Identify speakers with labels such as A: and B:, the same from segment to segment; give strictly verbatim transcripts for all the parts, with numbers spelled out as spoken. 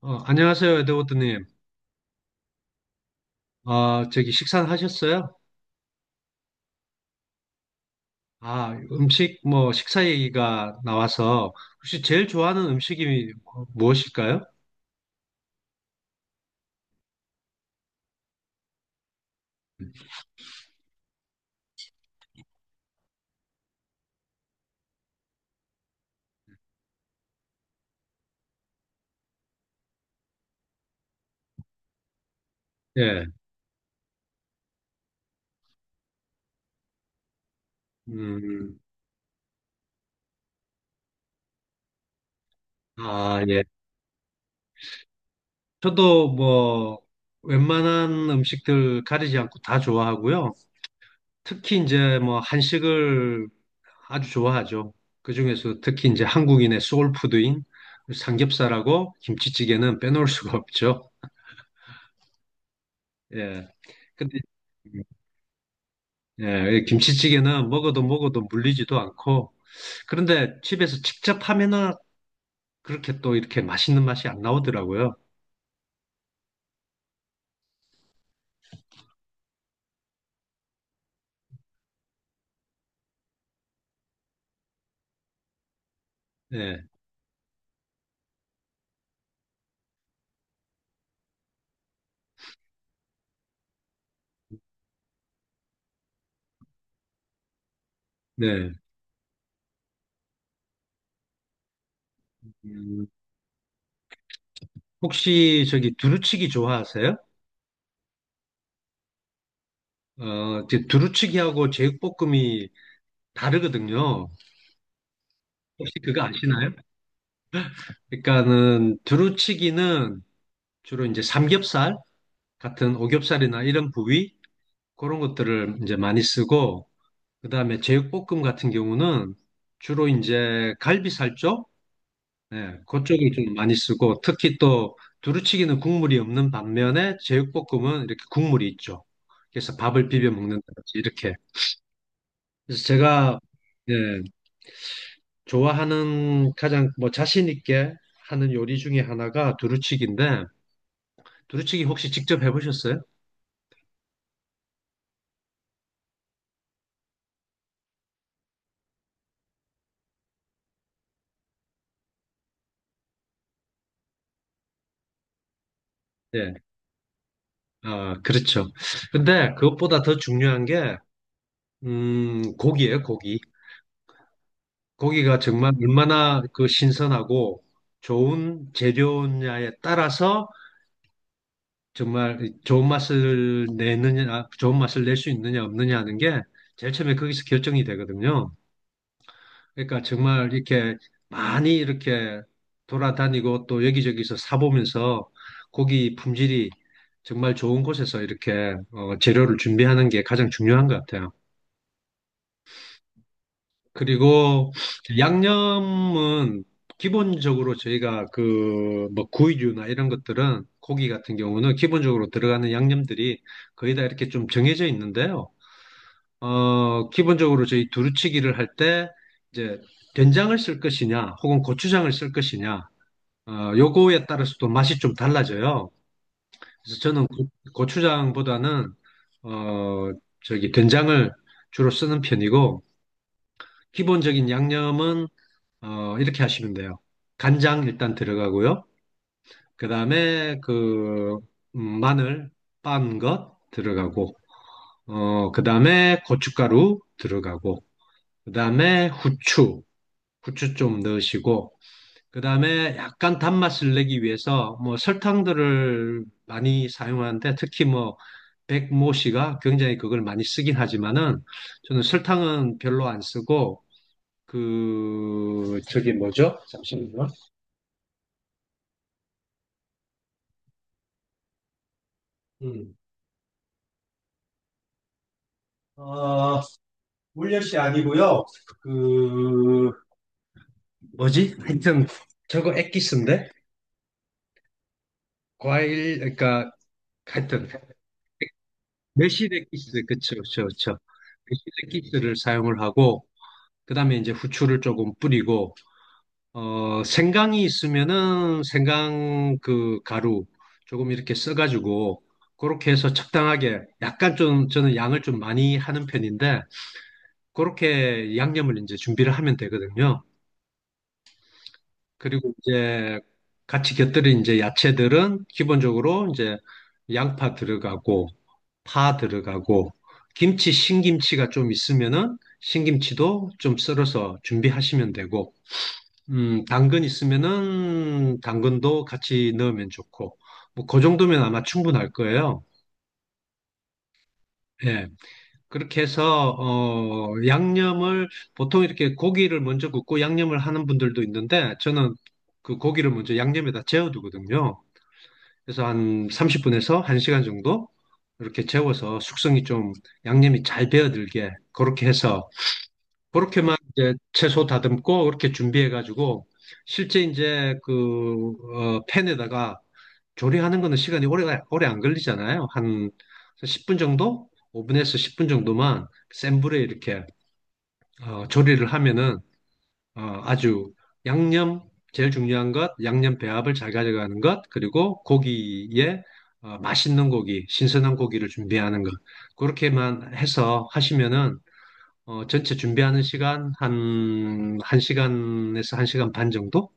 A: 어, 안녕하세요, 에드워드님. 어, 저기 식사는 하셨어요? 아, 음식, 뭐, 식사 얘기가 나와서 혹시 제일 좋아하는 음식이 뭐- 무엇일까요? 예. 음, 아, 예. 저도 뭐, 웬만한 음식들 가리지 않고 다 좋아하고요. 특히 이제 뭐, 한식을 아주 좋아하죠. 그중에서 특히 이제 한국인의 소울푸드인 삼겹살하고 김치찌개는 빼놓을 수가 없죠. 예. 근데 음, 예, 이 김치찌개는 먹어도 먹어도 물리지도 않고, 그런데 집에서 직접 하면은 그렇게 또 이렇게 맛있는 맛이 안 나오더라고요. 예, 네. 음, 혹시 저기 두루치기 좋아하세요? 어, 이제 두루치기하고 제육볶음이 다르거든요. 혹시 그거 아시나요? 그러니까는 두루치기는 주로 이제 삼겹살 같은 오겹살이나 이런 부위 그런 것들을 이제 많이 쓰고, 그다음에 제육볶음 같은 경우는 주로 이제 갈비살 쪽 네, 그쪽을 좀 많이 쓰고 특히 또 두루치기는 국물이 없는 반면에 제육볶음은 이렇게 국물이 있죠. 그래서 밥을 비벼 먹는다든지 이렇게. 그래서 제가 예, 좋아하는 가장 뭐 자신 있게 하는 요리 중에 하나가 두루치기인데 두루치기 혹시 직접 해보셨어요? 예, 아, 그렇죠. 근데 그것보다 더 중요한 게 음, 고기예요, 고기. 고기가 정말 얼마나 그 신선하고 좋은 재료냐에 따라서 정말 좋은 맛을 내느냐, 좋은 맛을 낼 수 있느냐, 없느냐 하는 게 제일 처음에 거기서 결정이 되거든요. 그러니까 정말 이렇게 많이 이렇게 돌아다니고 또 여기저기서 사보면서 고기 품질이 정말 좋은 곳에서 이렇게 어, 재료를 준비하는 게 가장 중요한 것 같아요. 그리고 양념은 기본적으로 저희가 그 뭐 구이류나 이런 것들은 고기 같은 경우는 기본적으로 들어가는 양념들이 거의 다 이렇게 좀 정해져 있는데요. 어, 기본적으로 저희 두루치기를 할 때 이제 된장을 쓸 것이냐 혹은 고추장을 쓸 것이냐 어, 요거에 따라서 또 맛이 좀 달라져요. 그래서 저는 고, 고추장보다는 어, 저기 된장을 주로 쓰는 편이고 기본적인 양념은 어, 이렇게 하시면 돼요. 간장 일단 들어가고요. 그 다음에 그 음, 마늘 빤 것 들어가고, 어, 그 다음에 고춧가루 들어가고, 그 다음에 후추, 후추 좀 넣으시고, 그 다음에 약간 단맛을 내기 위해서 뭐 설탕들을 많이 사용하는데 특히 뭐 백모씨가 굉장히 그걸 많이 쓰긴 하지만은 저는 설탕은 별로 안 쓰고 그 저기 뭐죠? 잠시만요. 음. 어, 울려시 아니고요. 그 뭐지? 하여튼 저거 엑기스인데 과일 그러니까 하여튼 매실 엑기스 그쵸, 그쵸, 그쵸. 매실 엑기스를 사용을 하고 그다음에 이제 후추를 조금 뿌리고 어 생강이 있으면은 생강 그 가루 조금 이렇게 써가지고 그렇게 해서 적당하게 약간 좀 저는 양을 좀 많이 하는 편인데 그렇게 양념을 이제 준비를 하면 되거든요. 그리고 이제 같이 곁들인 이제 야채들은 기본적으로 이제 양파 들어가고 파 들어가고 김치 신김치가 좀 있으면은 신김치도 좀 썰어서 준비하시면 되고 음, 당근 있으면은 당근도 같이 넣으면 좋고 뭐 그 정도면 아마 충분할 거예요. 예. 그렇게 해서 어, 양념을 보통 이렇게 고기를 먼저 굽고 양념을 하는 분들도 있는데 저는 그 고기를 먼저 양념에다 재워두거든요. 그래서 한 삼십 분에서 한 시간 정도 이렇게 재워서 숙성이 좀 양념이 잘 배어들게 그렇게 해서 그렇게만 이제 채소 다듬고 그렇게 준비해 가지고 실제 이제 그 어, 팬에다가 조리하는 거는 시간이 오래 오래 안 걸리잖아요. 한 십 분 정도? 오 분에서 십 분 정도만 센 불에 이렇게 어, 조리를 하면은 어, 아주 양념 제일 중요한 것 양념 배합을 잘 가져가는 것 그리고 고기에 어, 맛있는 고기 신선한 고기를 준비하는 것 그렇게만 해서 하시면은 어, 전체 준비하는 시간 한 1시간에서 한 시간 반 정도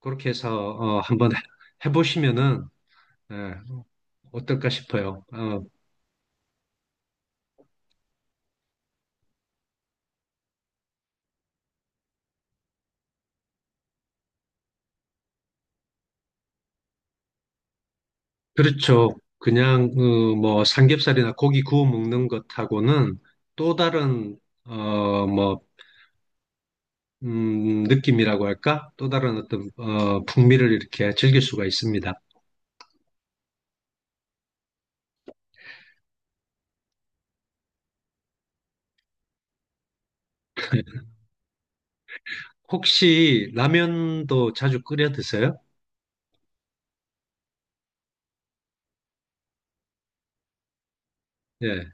A: 그렇게 해서 어, 한번 해- 해보시면은 예, 어떨까 싶어요. 어, 그렇죠. 그냥 어, 뭐 삼겹살이나 고기 구워 먹는 것하고는 또 다른 어, 뭐 음, 느낌이라고 할까? 또 다른 어떤 어, 풍미를 이렇게 즐길 수가 있습니다. 혹시 라면도 자주 끓여 드세요? 예.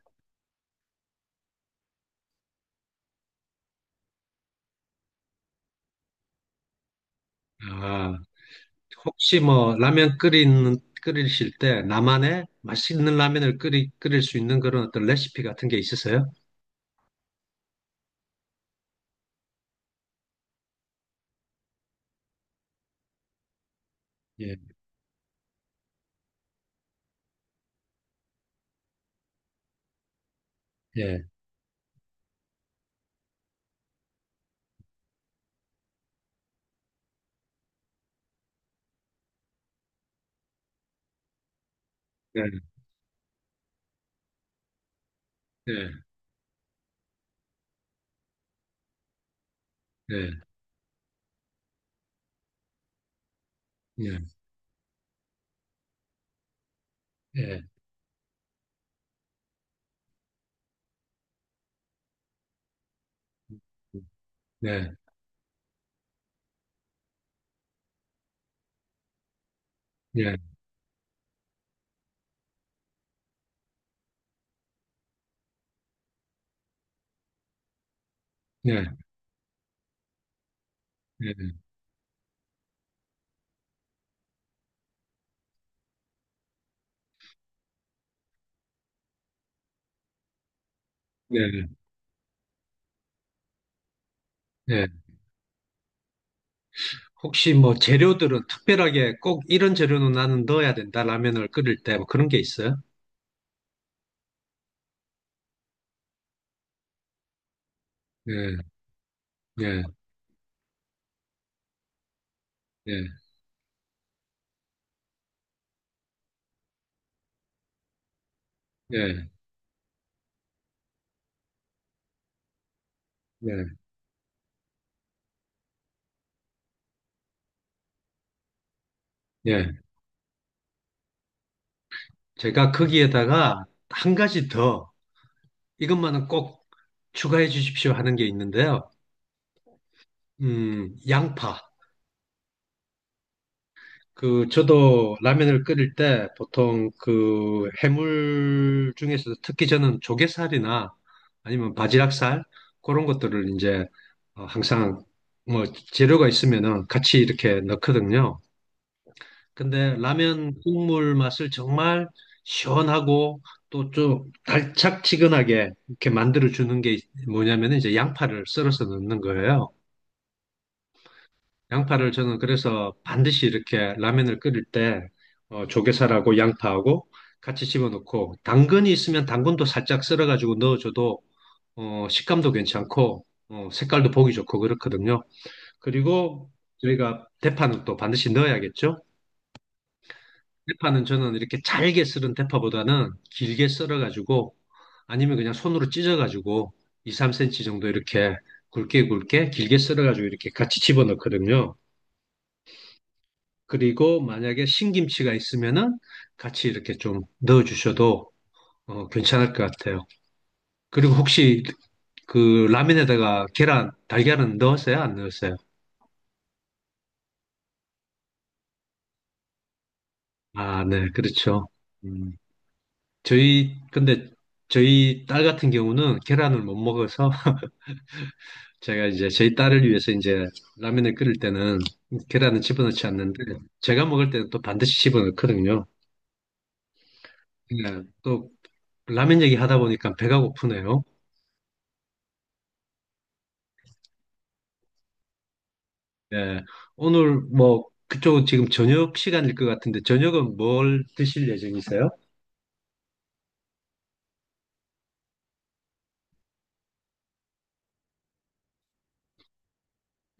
A: 아, 혹시 뭐 라면 끓이는 끓이실 때 나만의 맛있는 라면을 끓이 끓일 수 있는 그런 어떤 레시피 같은 게 있으세요? 예. 예. 예. 예. 예. 예. 예. 네, 예, 예, 예, 예, 예. 혹시 뭐 재료들은 특별하게 꼭 이런 재료는 나는 넣어야 된다, 라면을 끓일 때뭐 그런 게 있어요? 예, 예, 예, 예, 예, 예. 제가 거기에다가 한 가지 더, 이것만은 꼭 추가해 주십시오 하는 게 있는데요. 음, 양파. 그, 저도 라면을 끓일 때 보통 그 해물 중에서도 특히 저는 조개살이나 아니면 바지락살, 그런 것들을 이제 어, 항상 뭐 재료가 있으면은 같이 이렇게 넣거든요. 근데 라면 국물 맛을 정말 시원하고 또 좀 달짝지근하게 이렇게 만들어 주는 게 뭐냐면 이제 양파를 썰어서 넣는 거예요. 양파를 저는 그래서 반드시 이렇게 라면을 끓일 때 어, 조개살하고 양파하고 같이 집어넣고 당근이 있으면 당근도 살짝 썰어가지고 넣어줘도 어, 식감도 괜찮고 어, 색깔도 보기 좋고 그렇거든요. 그리고 저희가 대파는 또 반드시 넣어야겠죠. 대파는 저는 이렇게 잘게 썰은 대파보다는 길게 썰어가지고 아니면 그냥 손으로 찢어가지고 이, 삼 센티미터 정도 이렇게 굵게 굵게 길게 썰어가지고 이렇게 같이 집어넣거든요. 그리고 만약에 신김치가 있으면은 같이 이렇게 좀 넣어주셔도 어, 괜찮을 것 같아요. 그리고 혹시 그 라면에다가 계란, 달걀은 넣었어요? 안 넣었어요? 아, 네, 그렇죠. 음, 저희, 근데 저희 딸 같은 경우는 계란을 못 먹어서 제가 이제 저희 딸을 위해서 이제 라면을 끓일 때는 계란은 집어넣지 않는데 제가 먹을 때는 또 반드시 집어넣거든요. 예, 또 라면 얘기하다 보니까 배가 고프네요. 예, 오늘 뭐 그쪽은 지금 저녁 시간일 것 같은데 저녁은 뭘 드실 예정이세요?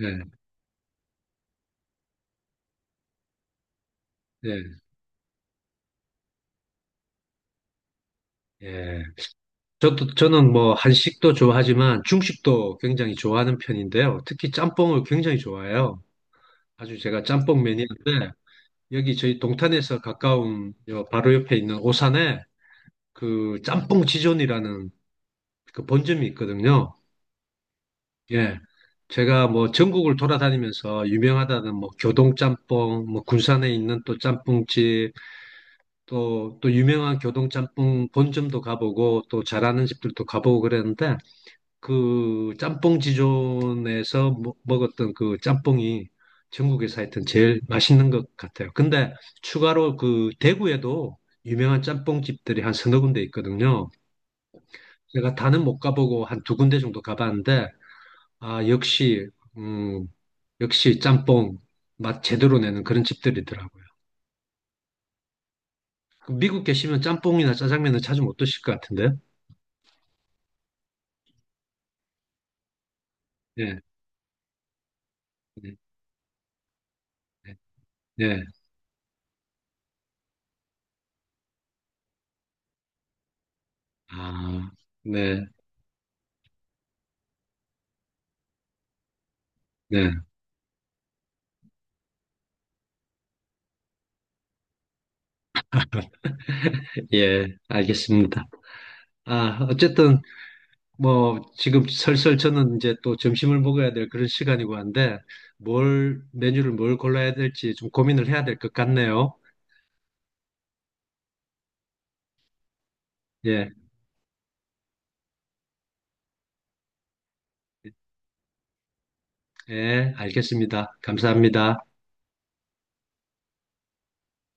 A: 예, 예, 예. 저도 저는 뭐 한식도 좋아하지만 중식도 굉장히 좋아하는 편인데요. 특히 짬뽕을 굉장히 좋아해요. 아주 제가 짬뽕 매니아인데 여기 저희 동탄에서 가까운 요 바로 옆에 있는 오산에 그 짬뽕 지존이라는 그 본점이 있거든요. 예. 제가 뭐 전국을 돌아다니면서 유명하다는 뭐 교동짬뽕, 뭐 군산에 있는 또 짬뽕집, 또, 또 유명한 교동짬뽕 본점도 가보고 또 잘하는 집들도 가보고 그랬는데 그 짬뽕 지존에서 먹- 먹었던 그 짬뽕이 전국에서 하여튼 제일 맛있는 것 같아요. 근데 추가로 그 대구에도 유명한 짬뽕 집들이 한 서너 군데 있거든요. 제가 다는 못 가보고 한 두 군데 정도 가봤는데, 아, 역시, 음, 역시 짬뽕 맛 제대로 내는 그런 집들이더라고요. 그 미국 계시면 짬뽕이나 짜장면은 자주 못 드실 것 같은데? 네, 네, 네. 네. 아, 네, 네. 예, 알겠습니다. 아, 어쨌든 뭐 지금 설설 저는 이제 또 점심을 먹어야 될 그런 시간이고 한데 뭘 메뉴를 뭘 골라야 될지 좀 고민을 해야 될 것 같네요. 예, 예, 알겠습니다. 감사합니다.